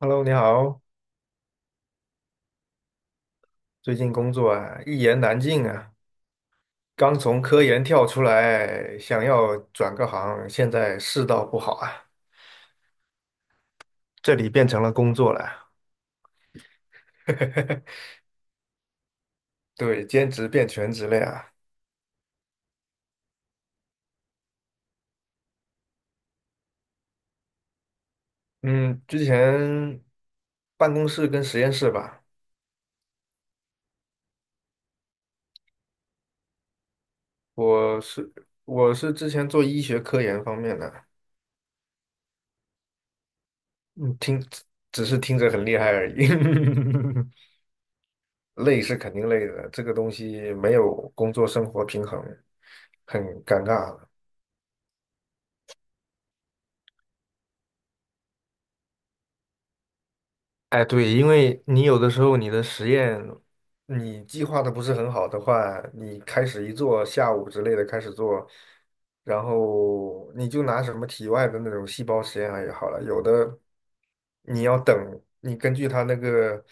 Hello，你好，最近工作啊，一言难尽啊，刚从科研跳出来，想要转个行，现在世道不好啊，这里变成了工作了，对，兼职变全职了呀。嗯，之前办公室跟实验室吧，我是我是之前做医学科研方面的。嗯，只是听着很厉害而已，累是肯定累的，这个东西没有工作生活平衡，很尴尬。哎，对，因为你有的时候你的实验，你计划的不是很好的话，你开始一做，下午之类的开始做，然后你就拿什么体外的那种细胞实验来也好了，有的你要等，你根据它那个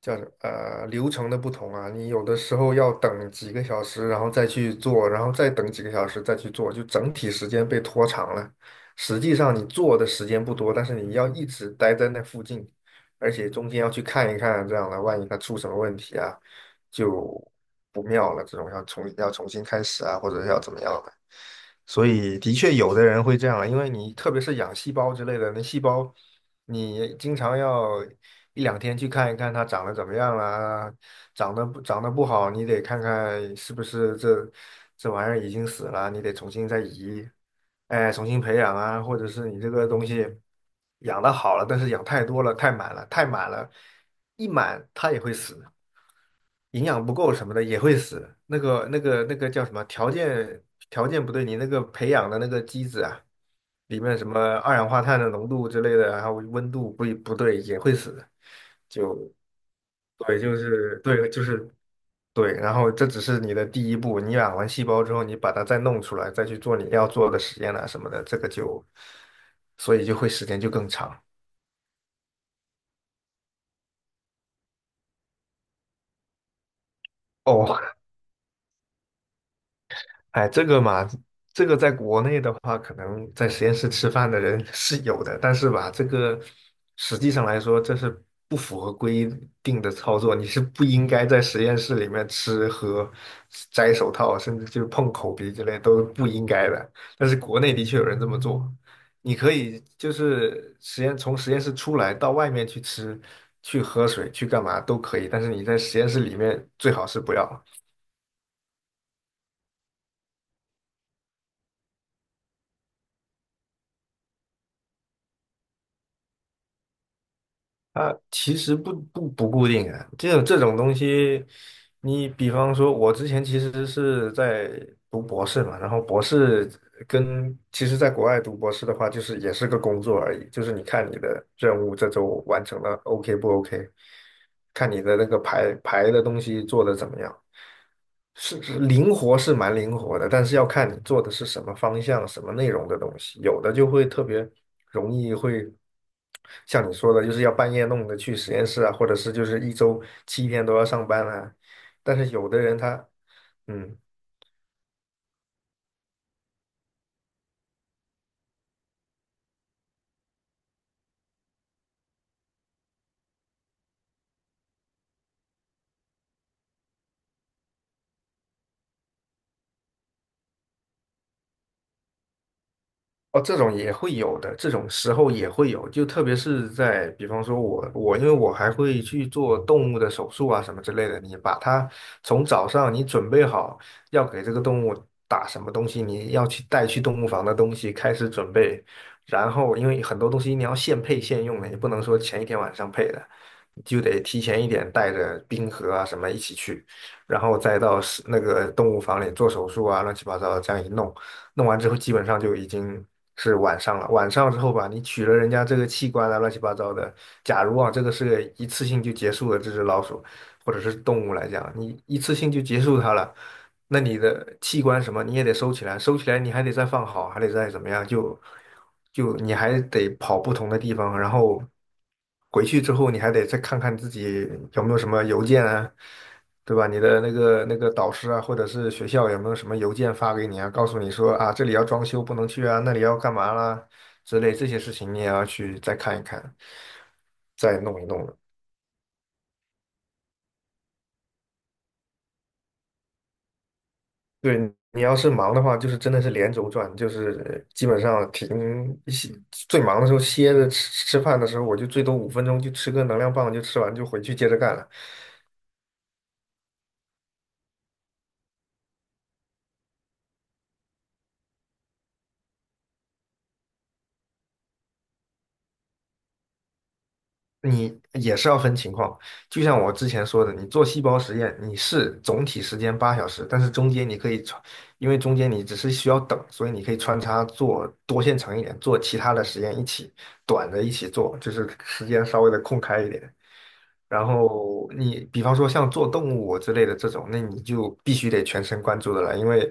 叫流程的不同啊，你有的时候要等几个小时，然后再去做，然后再等几个小时再去做，就整体时间被拖长了。实际上你做的时间不多，但是你要一直待在那附近。而且中间要去看一看，这样的万一它出什么问题啊，就不妙了。这种要重新开始啊，或者是要怎么样的。所以的确有的人会这样啊，因为你特别是养细胞之类的，那细胞你经常要一两天去看一看它长得怎么样啦，长得不好，你得看看是不是这玩意儿已经死了，你得重新再移。哎，重新培养啊，或者是你这个东西养的好了，但是养太多了，太满了，一满它也会死，营养不够什么的也会死。叫什么？条件不对，你那个培养的那个机子啊，里面什么二氧化碳的浓度之类的，然后温度不对也会死。就对，就是对，就是。对，然后这只是你的第一步，你养完细胞之后，你把它再弄出来，再去做你要做的实验啊什么的，这个就，所以就会时间就更长。哦，哎，这个嘛，这个在国内的话，可能在实验室吃饭的人 是有的，但是吧，这个实际上来说，这是不符合规定的操作，你是不应该在实验室里面吃喝、摘手套，甚至就是碰口鼻之类都是不应该的。但是国内的确有人这么做，你可以就是实验从实验室出来到外面去吃、去喝水、去干嘛都可以，但是你在实验室里面最好是不要。啊，其实不固定啊，这种东西，你比方说，我之前其实是在读博士嘛，然后博士跟其实在国外读博士的话，就是也是个工作而已，就是你看你的任务这周完成了 OK 不 OK，看你的那个排的东西做的怎么样。是灵活是蛮灵活的，但是要看你做的是什么方向、什么内容的东西。有的就会特别容易会像你说的，就是要半夜弄的去实验室啊，或者是就是一周七天都要上班啊。但是有的人他嗯哦，这种也会有的，这种时候也会有，就特别是在，比方说我，因为我还会去做动物的手术啊什么之类的，你把它从早上你准备好要给这个动物打什么东西，你要去带去动物房的东西开始准备，然后因为很多东西你要现配现用的，你不能说前一天晚上配的，就得提前一点带着冰盒啊什么一起去，然后再到是那个动物房里做手术啊，乱七八糟这样一弄。弄完之后基本上就已经是晚上了。晚上之后吧，你取了人家这个器官啊，乱七八糟的。假如啊，这个是个一次性就结束了这只老鼠或者是动物来讲，你一次性就结束它了，那你的器官什么你也得收起来，收起来你还得再放好，还得再怎么样，就你还得跑不同的地方，然后回去之后你还得再看看自己有没有什么邮件啊。对吧？你的那个导师啊，或者是学校有没有什么邮件发给你啊，告诉你说啊，这里要装修不能去啊，那里要干嘛啦之类这些事情，你也要去再看一看，再弄一弄的。对，你要是忙的话，就是真的是连轴转，就是基本上歇最忙的时候歇着吃饭的时候，我就最多五分钟就吃个能量棒，就吃完就回去接着干了。你也是要分情况，就像我之前说的，你做细胞实验，你是总体时间八小时，但是中间你可以穿，因为中间你只是需要等，所以你可以穿插做多线程一点，做其他的实验一起，短的一起做，就是时间稍微的空开一点。然后你比方说像做动物之类的这种，那你就必须得全神贯注的了，因为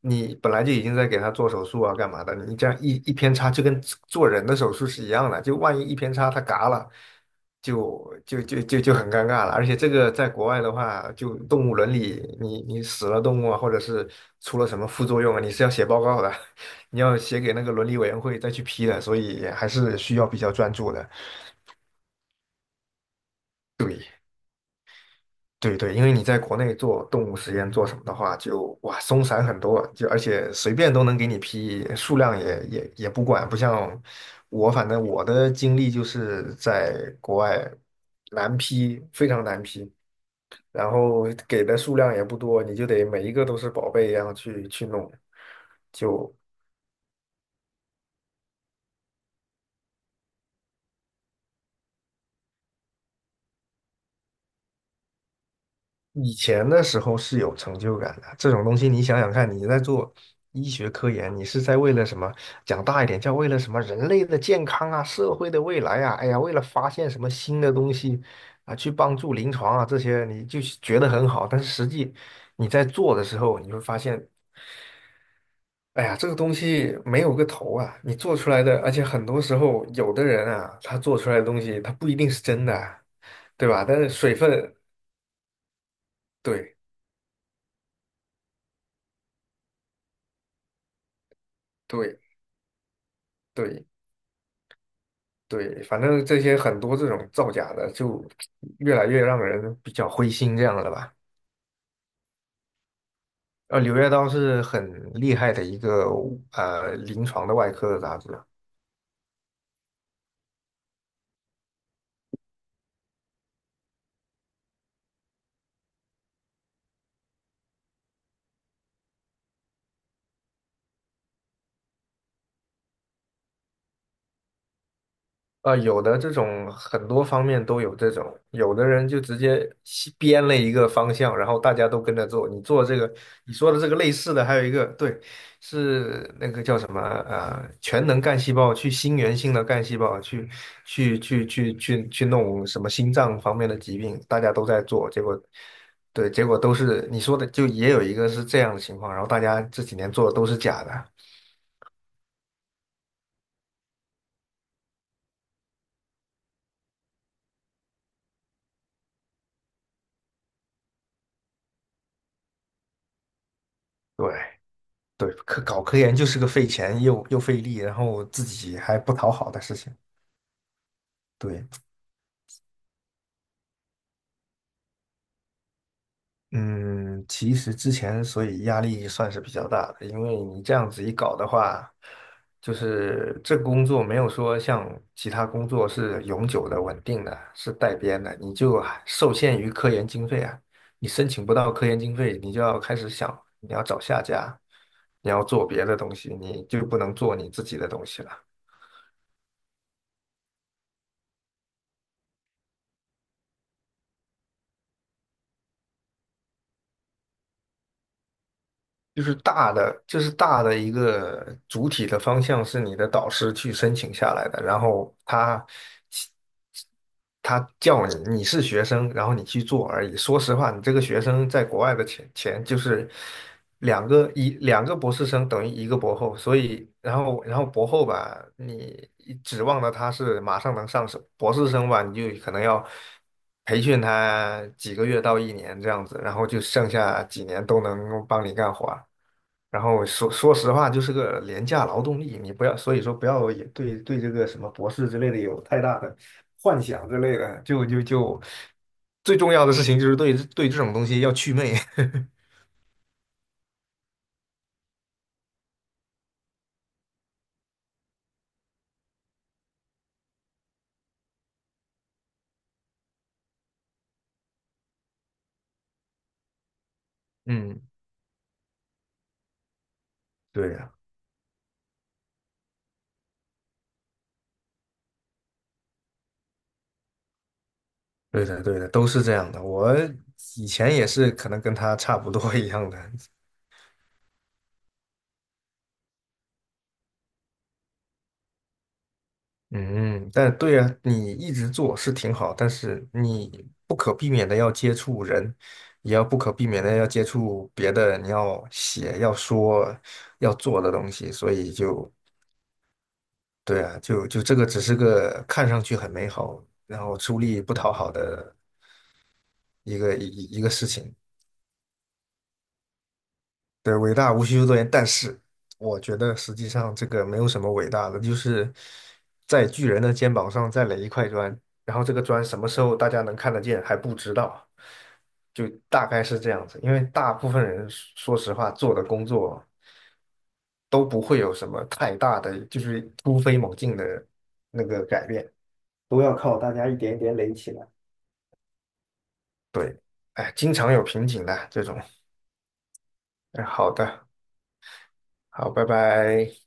你本来就已经在给它做手术啊，干嘛的？你这样一偏差，就跟做人的手术是一样的，就万一一偏差它嘎了，就很尴尬了。而且这个在国外的话，就动物伦理，你死了动物啊，或者是出了什么副作用啊，你是要写报告的，你要写给那个伦理委员会再去批的，所以还是需要比较专注的。对对，因为你在国内做动物实验做什么的话，就哇松散很多，就而且随便都能给你批，数量也不管，不像我，反正我的经历就是在国外难批，非常难批，然后给的数量也不多，你就得每一个都是宝贝一样去弄，就以前的时候是有成就感的。这种东西你想想看，你在做医学科研，你是在为了什么？讲大一点，叫为了什么？人类的健康啊，社会的未来啊，哎呀，为了发现什么新的东西啊，去帮助临床啊，这些你就觉得很好。但是实际你在做的时候，你会发现，哎呀，这个东西没有个头啊，你做出来的，而且很多时候有的人啊，他做出来的东西，他不一定是真的啊，对吧？但是水分，对对。对对，反正这些很多这种造假的，就越来越让人比较灰心这样了吧。呃，《柳叶刀》是很厉害的一个呃临床的外科的杂志，啊、有的这种很多方面都有这种，有的人就直接西编了一个方向，然后大家都跟着做。你做这个，你说的这个类似的，还有一个对，是那个叫什么呃，全能干细胞去心源性的干细胞去弄什么心脏方面的疾病，大家都在做，结果对，结果都是你说的，就也有一个是这样的情况，然后大家这几年做的都是假的。对。对，搞科研就是个费钱又费力，然后自己还不讨好的事情。对。嗯，其实之前所以压力算是比较大的，因为你这样子一搞的话，就是这个工作没有说像其他工作是永久的、稳定的，是带编的，你就还受限于科研经费啊。你申请不到科研经费，你就要开始想你要找下家，你要做别的东西，你就不能做你自己的东西了。就是大的，就是大的一个主体的方向是你的导师去申请下来的，然后他叫你，你是学生，然后你去做而已。说实话，你这个学生在国外的钱就是一两个博士生等于一个博后，所以然后博后吧，你指望的他是马上能上手，博士生吧，你就可能要。培训他几个月到一年这样子，然后就剩下几年都能帮你干活儿。然后说实话，就是个廉价劳动力，你不要，所以说不要也对这个什么博士之类的有太大的幻想之类的，就最重要的事情就是对这种东西要祛魅。嗯，对呀，对的，对的，都是这样的。我以前也是可能跟他差不多一样的，嗯，但对呀，你一直做是挺好，但是你不可避免的要接触人，也要不可避免的要接触别的，你要写、要说、要做的东西，所以就对啊，就这个只是个看上去很美好，然后出力不讨好的一个一一个事情。对，伟大无需修多言，但是我觉得实际上这个没有什么伟大的，就是在巨人的肩膀上再垒一块砖，然后这个砖什么时候大家能看得见还不知道，就大概是这样子。因为大部分人说实话做的工作都不会有什么太大的，就是突飞猛进的那个改变。都要靠大家一点一点垒起来。对，哎，经常有瓶颈的这种。哎，好的，好，拜拜。